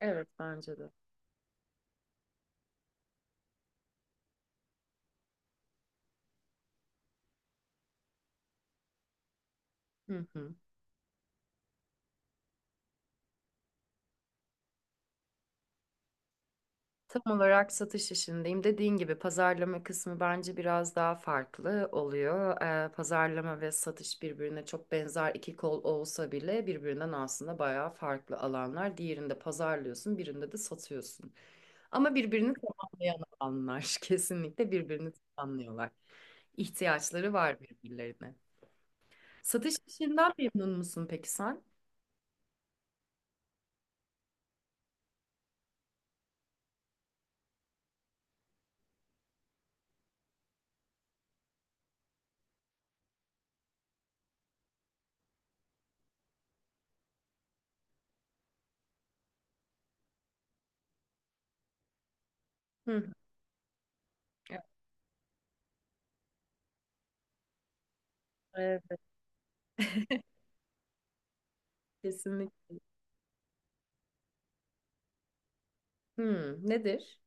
Evet bence de. Hı hı. Tam olarak satış işindeyim. Dediğin gibi pazarlama kısmı bence biraz daha farklı oluyor. Pazarlama ve satış birbirine çok benzer iki kol olsa bile birbirinden aslında bayağı farklı alanlar. Diğerinde pazarlıyorsun, birinde de satıyorsun. Ama birbirini tamamlayan alanlar kesinlikle birbirini tamamlıyorlar. İhtiyaçları var birbirlerine. Satış işinden memnun musun peki sen? Hı. Hı. Evet. Kesinlikle. Hı, nedir?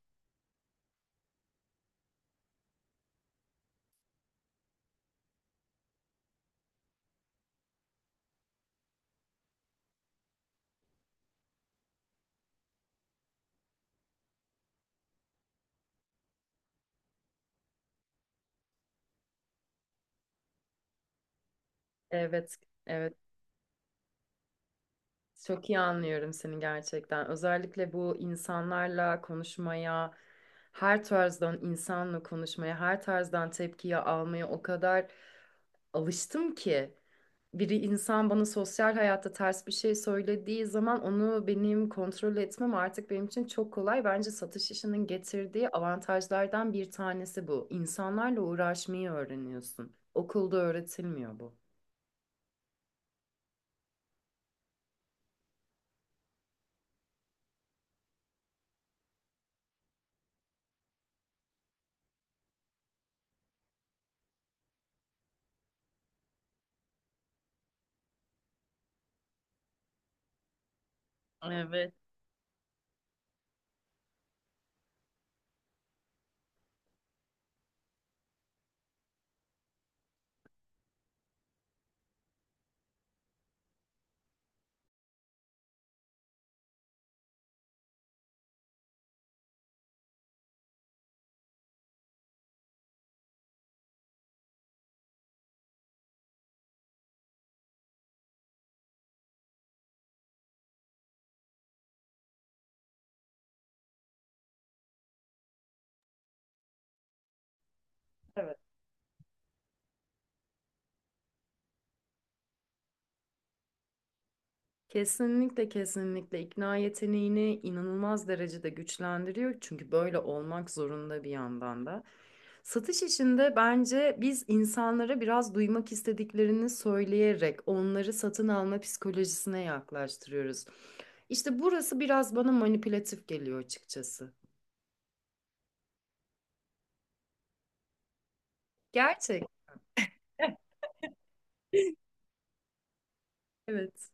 Evet, evet. Çok iyi anlıyorum seni gerçekten. Özellikle bu insanlarla konuşmaya, her tarzdan insanla konuşmaya, her tarzdan tepkiyi almaya o kadar alıştım ki. Biri insan bana sosyal hayatta ters bir şey söylediği zaman onu benim kontrol etmem artık benim için çok kolay. Bence satış işinin getirdiği avantajlardan bir tanesi bu. İnsanlarla uğraşmayı öğreniyorsun. Okulda öğretilmiyor bu. Evet. Kesinlikle, kesinlikle ikna yeteneğini inanılmaz derecede güçlendiriyor. Çünkü böyle olmak zorunda bir yandan da. Satış işinde bence biz insanlara biraz duymak istediklerini söyleyerek onları satın alma psikolojisine yaklaştırıyoruz. İşte burası biraz bana manipülatif geliyor açıkçası. Gerçek. Evet.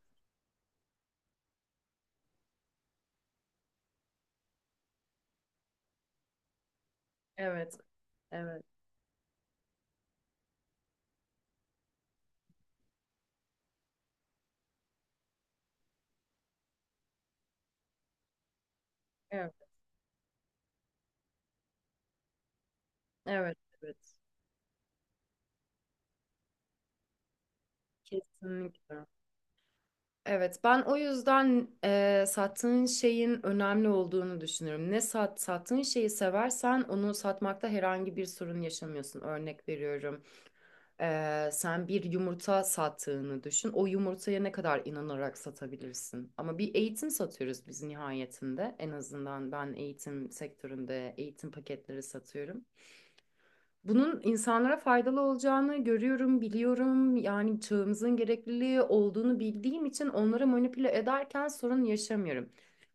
Evet. Evet. Evet. Evet. Evet. Kesinlikle. Evet, ben o yüzden sattığın şeyin önemli olduğunu düşünüyorum. Ne sat, sattığın şeyi seversen onu satmakta herhangi bir sorun yaşamıyorsun. Örnek veriyorum, sen bir yumurta sattığını düşün. O yumurtaya ne kadar inanarak satabilirsin? Ama bir eğitim satıyoruz biz nihayetinde. En azından ben eğitim sektöründe eğitim paketleri satıyorum. Bunun insanlara faydalı olacağını görüyorum, biliyorum. Yani çağımızın gerekliliği olduğunu bildiğim için onları manipüle ederken sorun yaşamıyorum.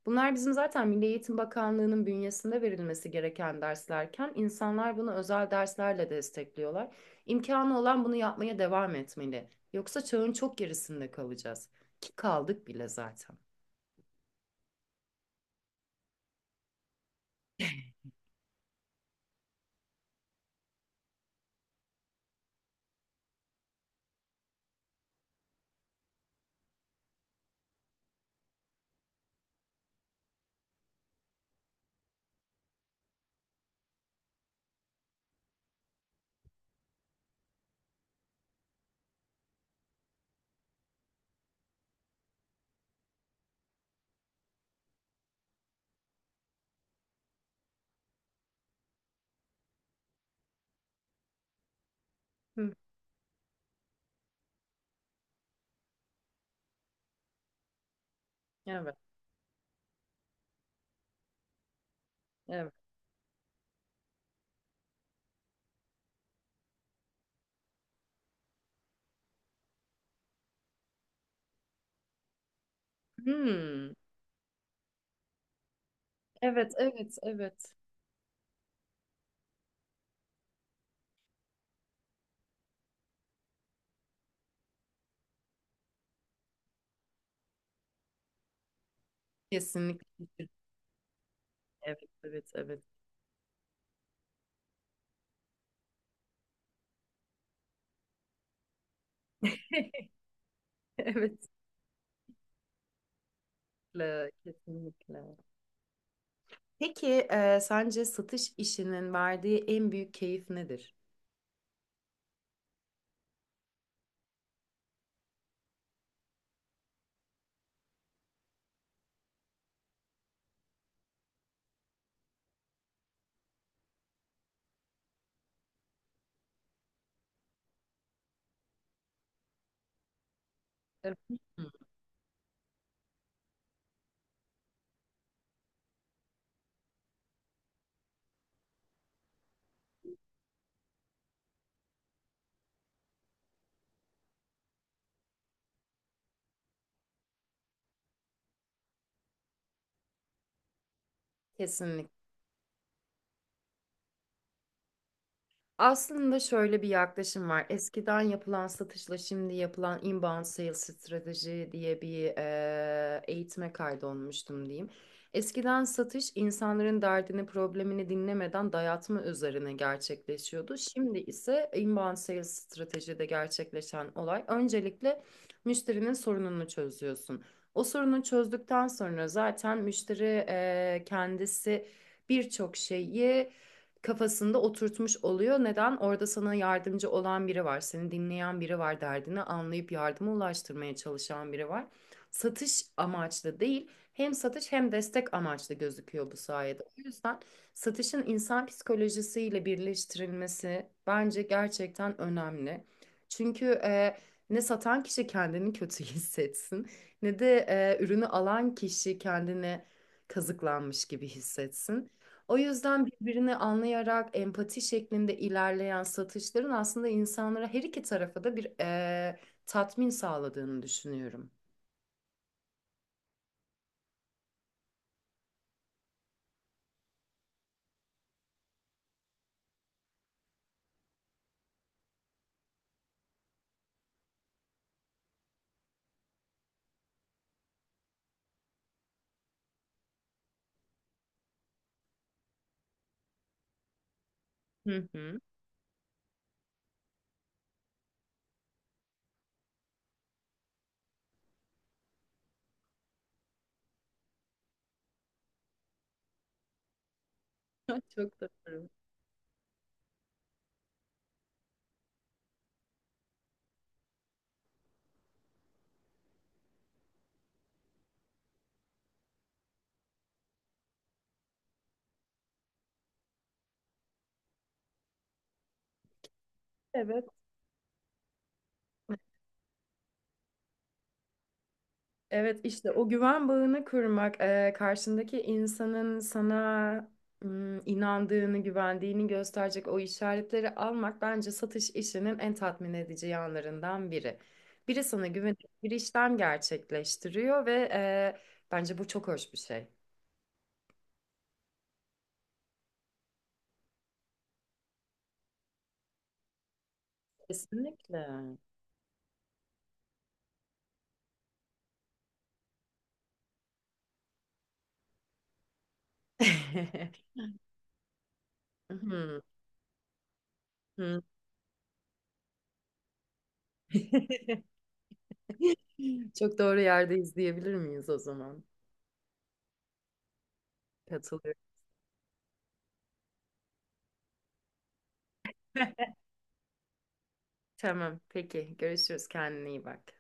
Bunlar bizim zaten Milli Eğitim Bakanlığı'nın bünyesinde verilmesi gereken derslerken insanlar bunu özel derslerle destekliyorlar. İmkanı olan bunu yapmaya devam etmeli. Yoksa çağın çok gerisinde kalacağız. Ki kaldık bile zaten. Hı, evet, evet. Hmm, evet, evet, evet. Kesinlikle. Evet, evet, evet. Evet. Kesinlikle, kesinlikle. Peki, sence satış işinin verdiği en büyük keyif nedir? Evet. Hı. Kesinlikle. Aslında şöyle bir yaklaşım var. Eskiden yapılan satışla şimdi yapılan inbound sales strateji diye bir eğitime kaydolmuştum diyeyim. Eskiden satış insanların derdini, problemini dinlemeden dayatma üzerine gerçekleşiyordu. Şimdi ise inbound sales stratejide gerçekleşen olay öncelikle müşterinin sorununu çözüyorsun. O sorunu çözdükten sonra zaten müşteri kendisi birçok şeyi kafasında oturtmuş oluyor. Neden? Orada sana yardımcı olan biri var, seni dinleyen biri var, derdini anlayıp yardıma ulaştırmaya çalışan biri var. Satış amaçlı değil, hem satış hem destek amaçlı gözüküyor bu sayede. O yüzden satışın insan psikolojisiyle birleştirilmesi bence gerçekten önemli. Çünkü ne satan kişi kendini kötü hissetsin, ne de ürünü alan kişi kendini kazıklanmış gibi hissetsin. O yüzden birbirini anlayarak empati şeklinde ilerleyen satışların aslında insanlara her iki tarafa da bir tatmin sağladığını düşünüyorum. Hı hı. Çok doğru. Evet. Evet, işte o güven bağını kurmak, karşındaki insanın sana inandığını, güvendiğini gösterecek o işaretleri almak bence satış işinin en tatmin edici yanlarından biri. Biri sana güvenip bir işlem gerçekleştiriyor ve bence bu çok hoş bir şey. Kesinlikle. Hmm, hmm. Çok doğru yerdeyiz diyebilir miyiz o zaman? Katılıyorum. Tamam, peki. Görüşürüz. Kendine iyi bak.